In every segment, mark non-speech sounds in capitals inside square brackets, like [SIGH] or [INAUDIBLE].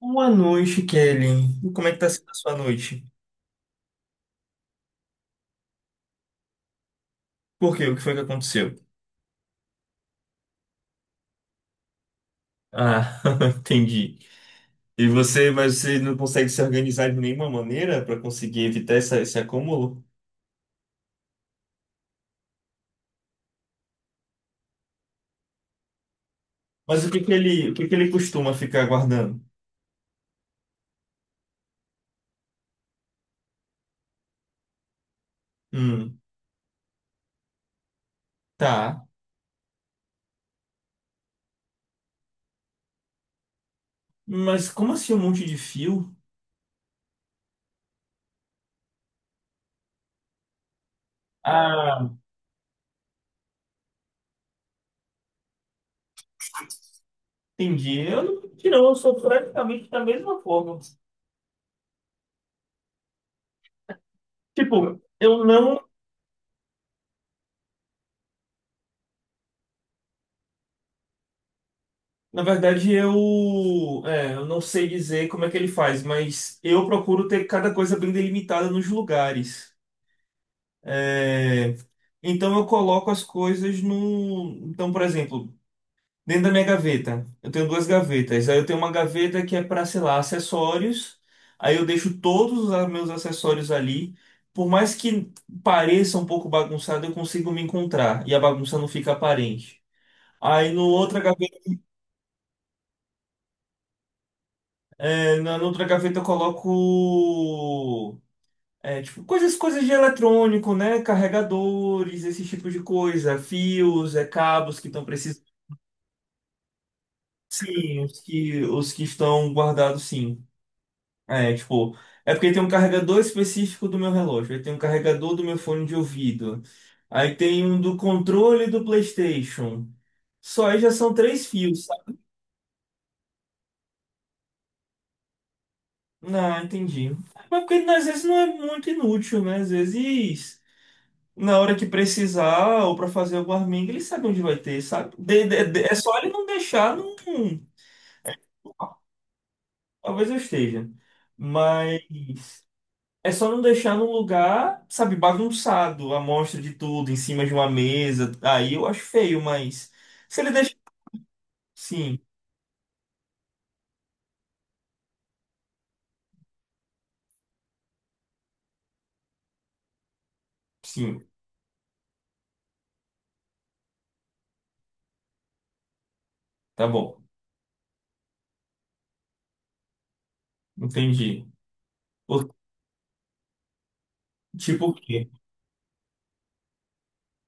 Boa noite, Kelly. E como é que tá sendo a sua noite? Por quê? O que foi que aconteceu? Ah, [LAUGHS] entendi. Mas você não consegue se organizar de nenhuma maneira para conseguir evitar esse acúmulo? Mas o que que ele costuma ficar guardando? Hum, tá. Mas como assim um monte de fio? Ah, entendi. Eu não, Não, eu sou praticamente da mesma forma. Tipo, eu não. Na verdade, eu não sei dizer como é que ele faz, mas eu procuro ter cada coisa bem delimitada nos lugares. É, então eu coloco as coisas no. Então, por exemplo, dentro da minha gaveta, eu tenho duas gavetas. Aí eu tenho uma gaveta que é para, sei lá, acessórios. Aí eu deixo todos os meus acessórios ali. Por mais que pareça um pouco bagunçado, eu consigo me encontrar e a bagunça não fica aparente. Aí no outra É, na outra gaveta eu coloco tipo, coisas de eletrônico, né? Carregadores, esse tipo de coisa, fios, é, cabos que estão precisando. Sim, os que estão guardados, sim. É, tipo, é porque tem um carregador específico do meu relógio, aí tem um carregador do meu fone de ouvido, aí tem um do controle do PlayStation. Só aí já são três fios, sabe? Ah, entendi. Mas porque às vezes não é muito inútil, né? Às vezes. Na hora que precisar ou para fazer alguma arminga, ele sabe onde vai ter, sabe? É só ele não deixar num. Talvez eu esteja. Mas é só não deixar num lugar, sabe, bagunçado, a mostra de tudo, em cima de uma mesa. Aí eu acho feio, mas. Se ele deixa. Sim, sim, tá bom. Entendi. Por- Tipo o quê?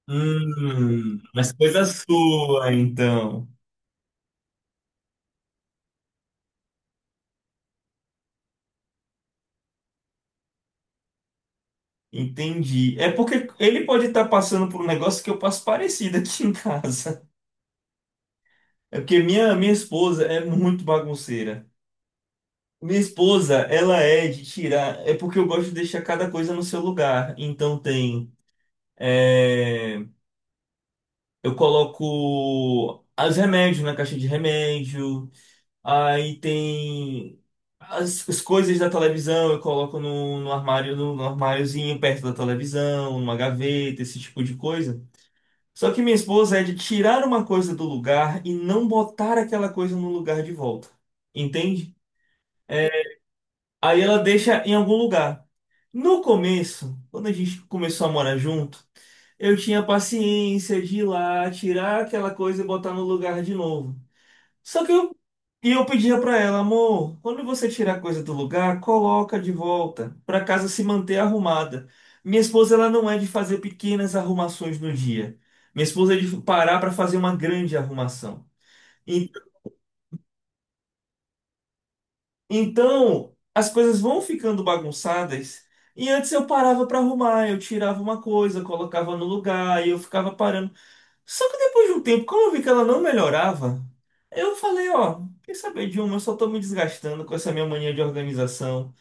Mas coisa sua, então. Entendi. É porque ele pode estar passando por um negócio que eu passo parecido aqui em casa. É porque minha esposa é muito bagunceira. Minha esposa, ela é de tirar. É porque eu gosto de deixar cada coisa no seu lugar. Então tem. É, eu coloco os remédios na caixa de remédio. Aí tem as coisas da televisão, eu coloco no armário, no armáriozinho perto da televisão, numa gaveta, esse tipo de coisa. Só que minha esposa é de tirar uma coisa do lugar e não botar aquela coisa no lugar de volta. Entende? Aí ela deixa em algum lugar. No começo, quando a gente começou a morar junto, eu tinha paciência de ir lá, tirar aquela coisa e botar no lugar de novo. Só que eu, e eu pedia pra ela, amor, quando você tirar a coisa do lugar, coloca de volta, pra casa se manter arrumada. Minha esposa, ela não é de fazer pequenas arrumações no dia. Minha esposa é de parar pra fazer uma grande arrumação. Então, as coisas vão ficando bagunçadas. E antes eu parava para arrumar, eu tirava uma coisa, colocava no lugar e eu ficava parando. Só que depois de um tempo, como eu vi que ela não melhorava, eu falei, ó, quer saber de uma, eu só tô me desgastando com essa minha mania de organização.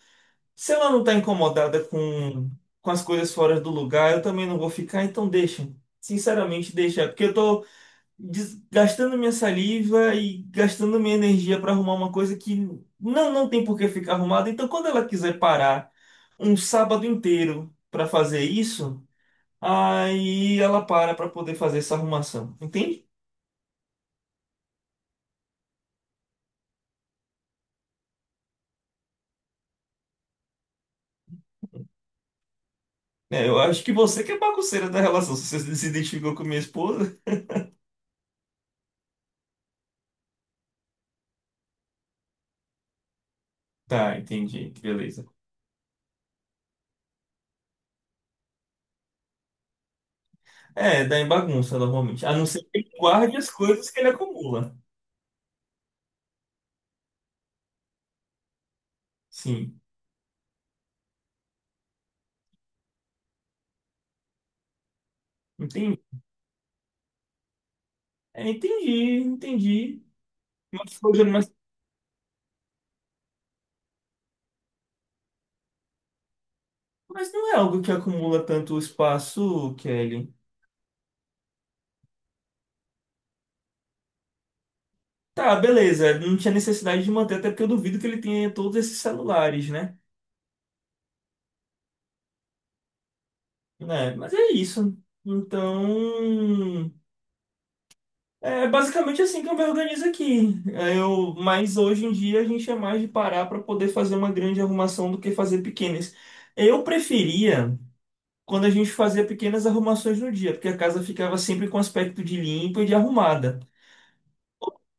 Se ela não tá com as coisas fora do lugar, eu também não vou ficar, então deixa. Sinceramente, deixa, porque eu tô gastando minha saliva e gastando minha energia para arrumar uma coisa que não tem por que ficar arrumada. Então, quando ela quiser parar um sábado inteiro para fazer isso, aí ela para para poder fazer essa arrumação. Entende? É, eu acho que você que é bagunceira da relação, se você se identificou com minha esposa. Tá, entendi, beleza. É, dá em bagunça normalmente. A não ser que ele guarde as coisas que ele acumula. Sim, entendi. É, entendi, entendi. Mas, Mas, não é algo que acumula tanto espaço, Kelly. Tá, beleza. Não tinha necessidade de manter, até porque eu duvido que ele tenha todos esses celulares, né? Né? Mas é isso. Então, é basicamente assim que eu me organizo aqui. Mas hoje em dia a gente é mais de parar para poder fazer uma grande arrumação do que fazer pequenas. Eu preferia quando a gente fazia pequenas arrumações no dia, porque a casa ficava sempre com aspecto de limpa e de arrumada.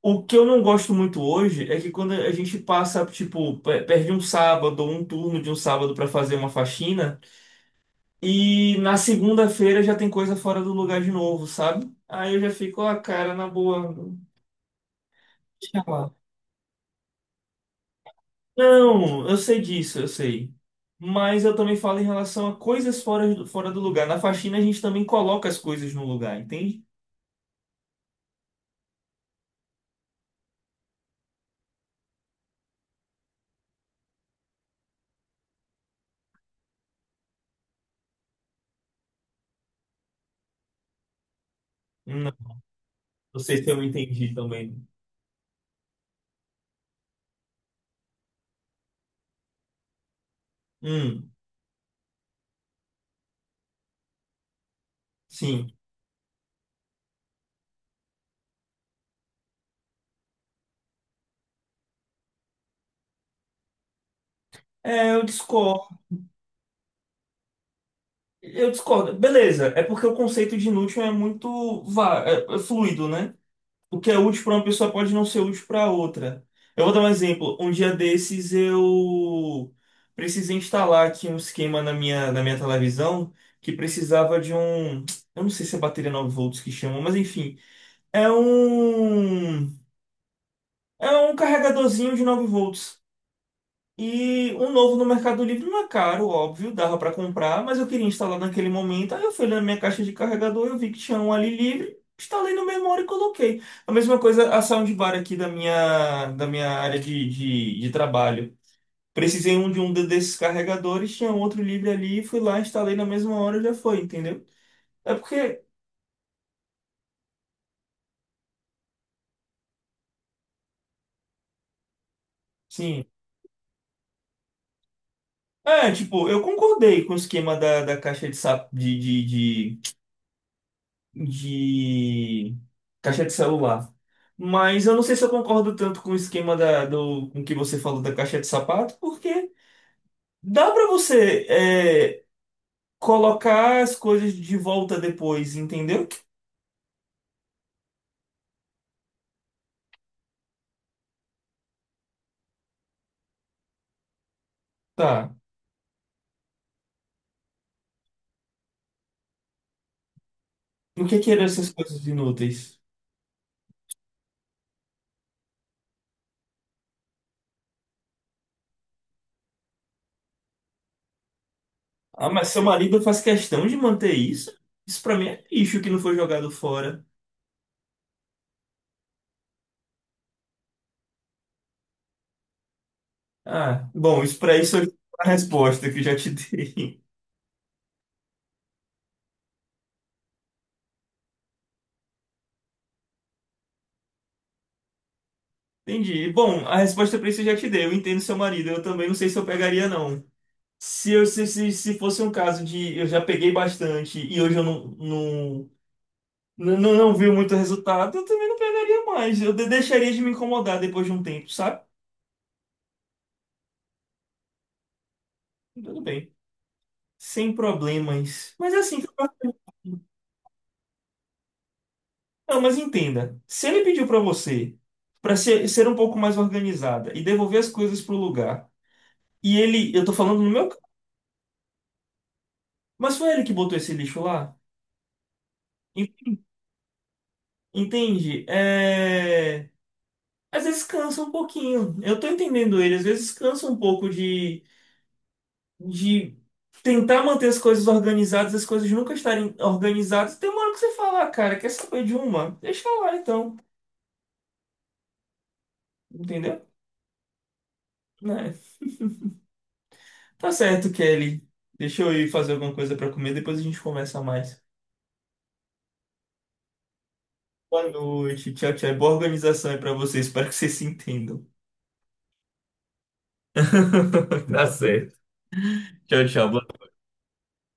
O que eu não gosto muito hoje é que quando a gente passa, tipo, perde um sábado ou um turno de um sábado pra fazer uma faxina e na segunda-feira já tem coisa fora do lugar de novo, sabe? Aí eu já fico, ah, cara, na boa, deixa lá. Não, eu sei disso, eu sei. Mas eu também falo em relação a coisas fora do lugar. Na faxina a gente também coloca as coisas no lugar, entende? Não, não sei se eu entendi também. Hum, sim. É, eu discordo. Eu discordo. Beleza, é porque o conceito de inútil é muito é fluido, né? O que é útil para uma pessoa pode não ser útil para outra. Eu vou dar um exemplo. Um dia desses eu precisei instalar aqui um esquema na na minha televisão que precisava de um. Eu não sei se é bateria 9 volts que chamam, mas enfim. É um. É um carregadorzinho de 9 volts. E um novo no Mercado Livre não é caro, óbvio, dava para comprar, mas eu queria instalar naquele momento. Aí eu fui na minha caixa de carregador, eu vi que tinha um ali livre, instalei na mesma hora e coloquei. A mesma coisa a soundbar aqui da da minha área de trabalho. Precisei um de um desses carregadores, tinha outro livre ali, fui lá, instalei na mesma hora, já foi, entendeu? É porque, sim. É, tipo, eu concordei com o esquema da caixa de, sap- de caixa de celular. Mas eu não sei se eu concordo tanto com o esquema com o que você falou da caixa de sapato, porque dá para você colocar as coisas de volta depois, entendeu? Tá. E o que que eram essas coisas inúteis? Ah, mas seu marido faz questão de manter isso? Isso pra mim é lixo que não foi jogado fora. Ah, bom, isso é a resposta que eu já te dei. [LAUGHS] Entendi. Bom, a resposta pra isso eu já te dei. Eu entendo seu marido. Eu também não sei se eu pegaria, não. Se fosse um caso de eu já peguei bastante e hoje eu não vi muito resultado, eu também não pegaria mais. Eu deixaria de me incomodar depois de um tempo, sabe? Tudo bem. Sem problemas. Mas é assim, que eu. Não, mas entenda. Se ele pediu pra você pra ser um pouco mais organizada e devolver as coisas pro lugar, e ele, eu tô falando no meu caso, mas foi ele que botou esse lixo lá? En- Entende? É. Às vezes cansa um pouquinho. Eu tô entendendo ele. Às vezes cansa um pouco de tentar manter as coisas organizadas, as coisas nunca estarem organizadas. Tem uma hora que você fala, "Ah, cara, quer saber de uma? Deixa lá então." Entendeu? Né? Tá certo, Kelly. Deixa eu ir fazer alguma coisa pra comer, depois a gente conversa mais. Boa noite, tchau, tchau. Boa organização aí pra vocês. Espero que vocês se entendam. [LAUGHS] Tá certo. Tchau, tchau.